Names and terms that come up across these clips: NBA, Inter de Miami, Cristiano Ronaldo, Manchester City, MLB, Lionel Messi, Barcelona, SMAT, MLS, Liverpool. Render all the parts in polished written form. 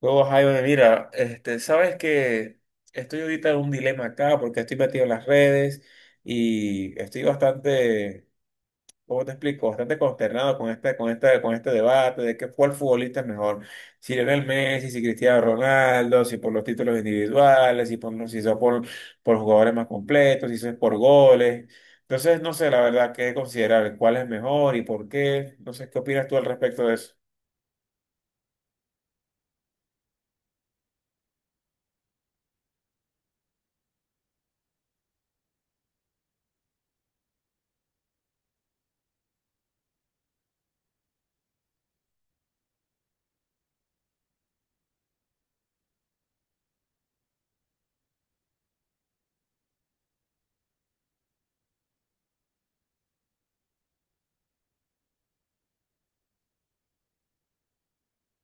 Luego, Jaime, mira, sabes que estoy ahorita en un dilema acá porque estoy metido en las redes y estoy bastante, ¿cómo te explico? Bastante consternado con este debate de que cuál futbolista es mejor, si Lionel Messi, si Cristiano Ronaldo, si por los títulos individuales, por jugadores más completos, si son por goles. Entonces, no sé, la verdad, qué considerar, cuál es mejor y por qué. No sé, ¿qué opinas tú al respecto de eso?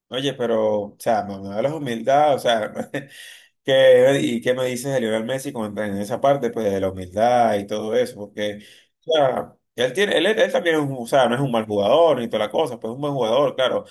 Oye, pero, o sea, no me hablas humildad, o sea, ¿Qué, y qué me dices de Lionel Messi con- en esa parte pues, de la humildad y todo eso? Porque, o sea, él tiene, él también es un, o sea, no es un mal jugador ni toda la cosa, pues es un buen jugador, claro.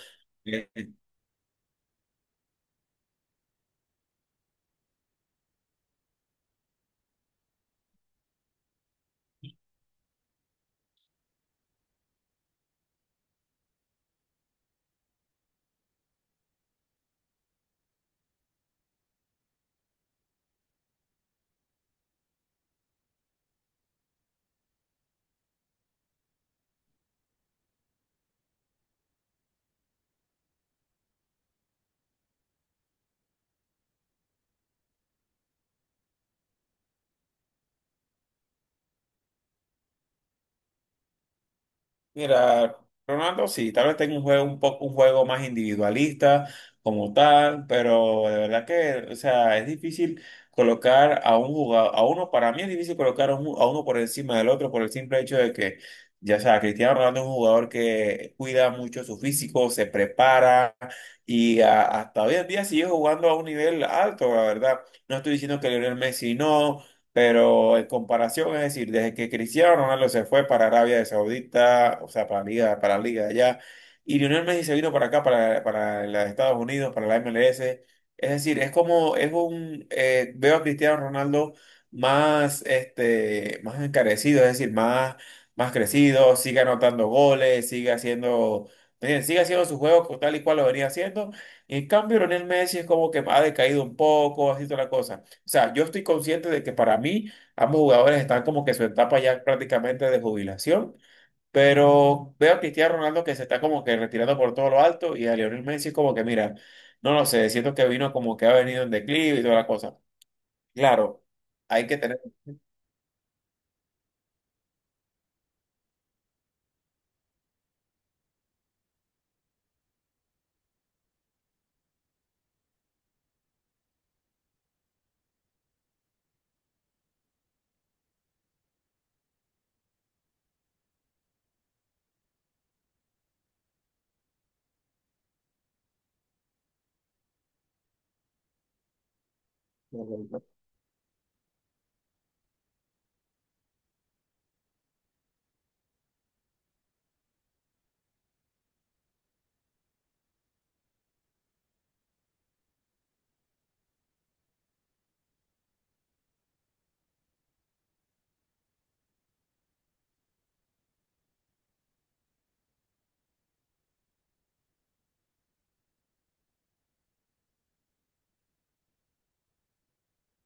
Mira, Ronaldo, sí, tal vez tenga un juego un poco un juego más individualista como tal, pero de verdad que, o sea, es difícil colocar a un jugador, a uno, para mí es difícil colocar a, a uno por encima del otro por el simple hecho de que, ya sea, Cristiano Ronaldo es un jugador que cuida mucho su físico, se prepara y hasta hoy en día sigue jugando a un nivel alto, la verdad. No estoy diciendo que Lionel Messi no. Pero en comparación, es decir, desde que Cristiano Ronaldo se fue para Arabia de Saudita, o sea, para la liga de allá, y Lionel Messi se vino para acá, para los Estados Unidos, para la MLS, es decir, es como, es un, veo a Cristiano Ronaldo más, más encarecido, es decir, más, más crecido, sigue anotando goles, sigue haciendo su juego tal y cual lo venía haciendo, y en cambio Lionel Messi es como que ha decaído un poco, así toda la cosa. O sea, yo estoy consciente de que para mí ambos jugadores están como que en su etapa ya prácticamente de jubilación, pero veo a Cristiano Ronaldo que se está como que retirando por todo lo alto y a Lionel Messi como que mira, no lo sé, siento que vino como que ha venido en declive y toda la cosa. Claro, hay que tener.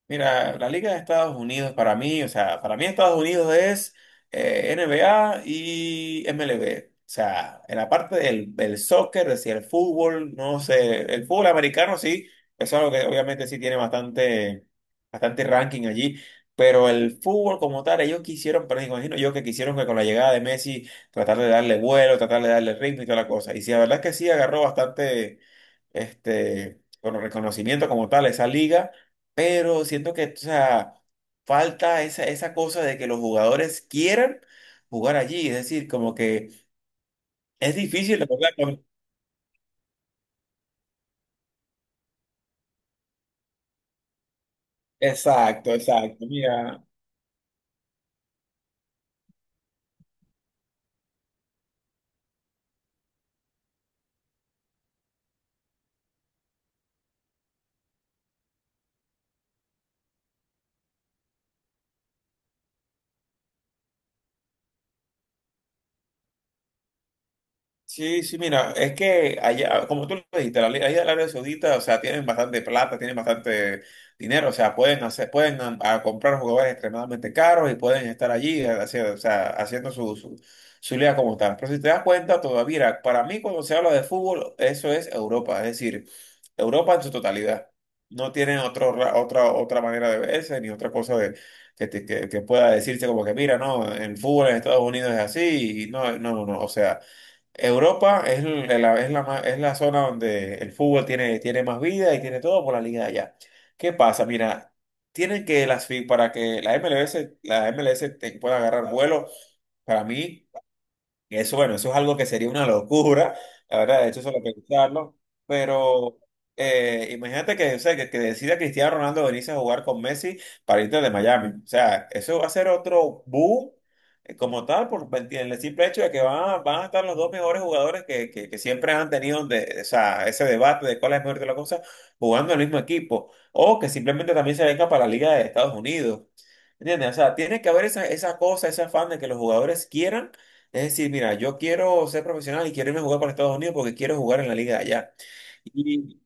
Mira, la Liga de Estados Unidos para mí, o sea, para mí Estados Unidos es NBA y MLB. O sea, en la parte del soccer, es decir, el fútbol, no sé, el fútbol americano sí, eso es algo que obviamente sí tiene bastante, bastante ranking allí, pero el fútbol como tal, ellos quisieron, pero me imagino yo que quisieron que con la llegada de Messi tratar de darle vuelo, tratar de darle ritmo y toda la cosa. Y sí, la verdad es que sí agarró bastante bueno, reconocimiento como tal a esa liga, pero siento que, o sea, falta esa, esa cosa de que los jugadores quieran jugar allí, es decir, como que es difícil, ¿verdad? Con- exacto, exacto, mira. Sí, sí, mira, es que allá, como tú lo dijiste, allá en el área saudita, o sea, tienen bastante plata, tienen bastante dinero, o sea, pueden hacer, pueden a comprar jugadores extremadamente caros y pueden estar allí haciendo, o sea, haciendo su liga como tal. Pero si te das cuenta, todavía, mira, para mí cuando se habla de fútbol, eso es Europa, es decir, Europa en su totalidad. No tienen otro, otra manera de verse ni otra cosa de, que pueda decirse como que, mira, no, el fútbol en Estados Unidos es así, y no, no, no, no, o sea. Europa es, es la zona donde el fútbol tiene, tiene más vida y tiene todo por la liga de allá. ¿Qué pasa? Mira, tienen que para que la MLS, la MLS te pueda agarrar vuelo, para mí. Y eso, bueno, eso es algo que sería una locura, la verdad, de hecho, solo pensarlo, pero imagínate que, o sea, que decida Cristiano Ronaldo venirse a jugar con Messi para irte de Miami, o sea, eso va a ser otro boom como tal, por el simple hecho de que van, van a estar los dos mejores jugadores que, que siempre han tenido de, o sea, ese debate de cuál es mejor de la cosa, jugando en el mismo equipo, o que simplemente también se venga para la Liga de Estados Unidos. ¿Entiendes? O sea, tiene que haber esa, esa cosa, ese afán de que los jugadores quieran, es decir, mira, yo quiero ser profesional y quiero irme a jugar para Estados Unidos porque quiero jugar en la liga de allá. Y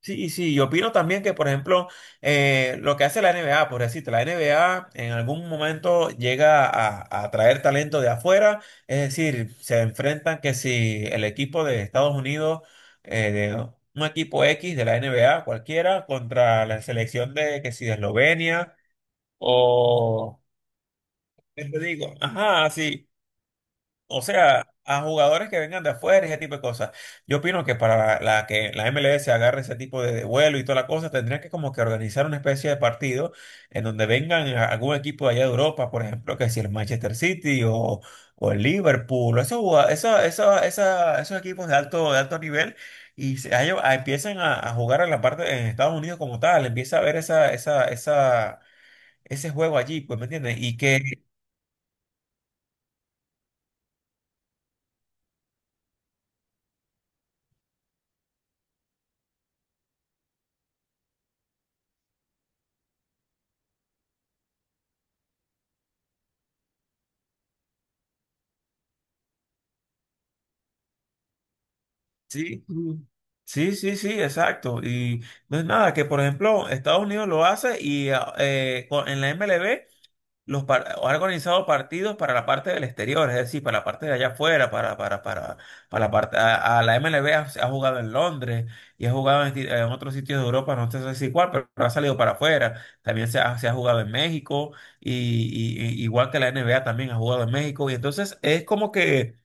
sí, sí, yo opino también que, por ejemplo, lo que hace la NBA, por decirte, la NBA en algún momento llega a traer talento de afuera, es decir, se enfrentan que si el equipo de Estados Unidos, de un equipo X de la NBA cualquiera, contra la selección de que si de Eslovenia o... ¿Qué te digo? Ajá, sí. O sea, a jugadores que vengan de afuera, y ese tipo de cosas. Yo opino que para la que la MLS agarre ese tipo de vuelo y toda la cosa, tendría que como que organizar una especie de partido en donde vengan algún equipo de allá de Europa, por ejemplo, que si el Manchester City o el Liverpool, o esos, esos equipos de alto nivel, y empiezan a jugar en la parte en Estados Unidos como tal, empieza a ver esa, ese juego allí, pues, ¿me entiendes? Y que sí. Sí, sí, sí, exacto. Y no es nada, que por ejemplo Estados Unidos lo hace y ah, en la MLB ha organizado partidos para la parte del exterior, es decir, para la parte de allá afuera, para la parte, a la MLB ha, ha jugado en Londres y ha jugado en, en otros sitios de Europa, no sé si cuál, pero ha salido para afuera. También se ha jugado en México y, igual que la NBA también ha jugado en México. Y entonces es como que...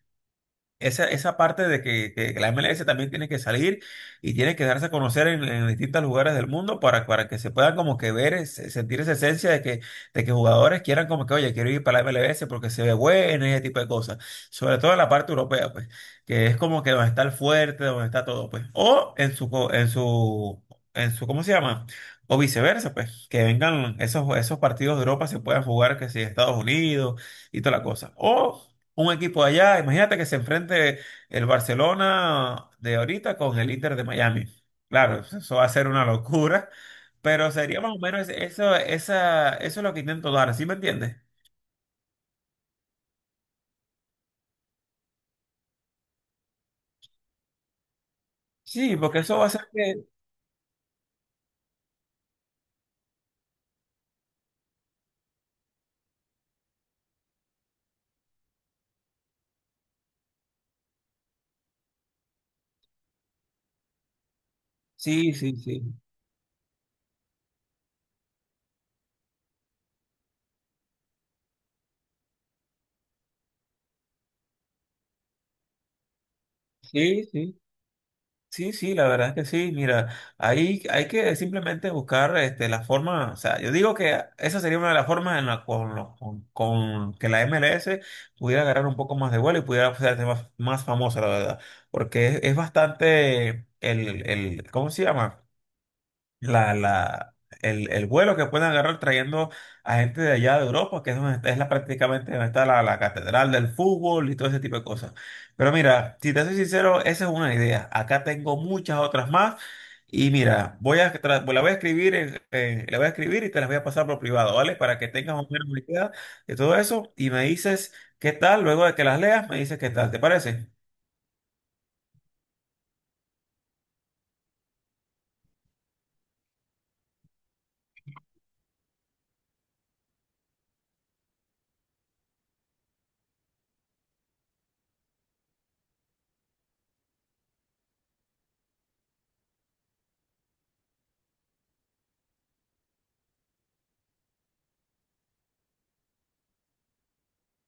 Esa parte de que la MLS también tiene que salir y tiene que darse a conocer en distintos lugares del mundo para que se pueda como que ver, sentir esa esencia de que jugadores quieran como que, oye, quiero ir para la MLS porque se ve bueno y ese tipo de cosas. Sobre todo en la parte europea, pues, que es como que donde está el fuerte, donde está todo, pues. O en su, en su, en su, ¿cómo se llama? O viceversa, pues, que vengan esos, esos partidos de Europa se puedan jugar, que si Estados Unidos y toda la cosa. O un equipo allá. Imagínate que se enfrente el Barcelona de ahorita con el Inter de Miami. Claro, eso va a ser una locura, pero sería más o menos eso, esa, eso es lo que intento dar, ¿sí me entiendes? Sí, porque eso va a ser que... Sí, sí, sí. Sí, sí. Sí, sí, la verdad es que sí. Mira, ahí hay que simplemente buscar este, la forma, o sea, yo digo que esa sería una de las formas en la con, lo- con que la MLS pudiera agarrar un poco más de vuelo y pudiera hacerse más, más famosa, la verdad. Porque es bastante el, ¿cómo se llama? La, el vuelo que pueden agarrar trayendo a gente de allá de Europa, que es, es la, prácticamente donde está la, la catedral del fútbol y todo ese tipo de cosas. Pero mira, si te soy sincero, esa es una idea. Acá tengo muchas otras más. Y mira, la voy a escribir la voy a escribir y te las voy a pasar por privado, ¿vale? Para que tengas más o menos una idea de todo eso y me dices qué tal, luego de que las leas, me dices qué tal, ¿te parece?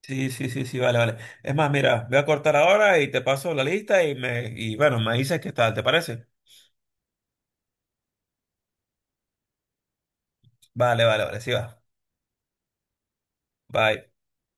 Sí, sí, sí, sí, vale, vale. Es más, mira, voy a cortar ahora y te paso la lista y me, y bueno, me dices qué tal, ¿te parece? Vale, vale, vale, sí va. Bye.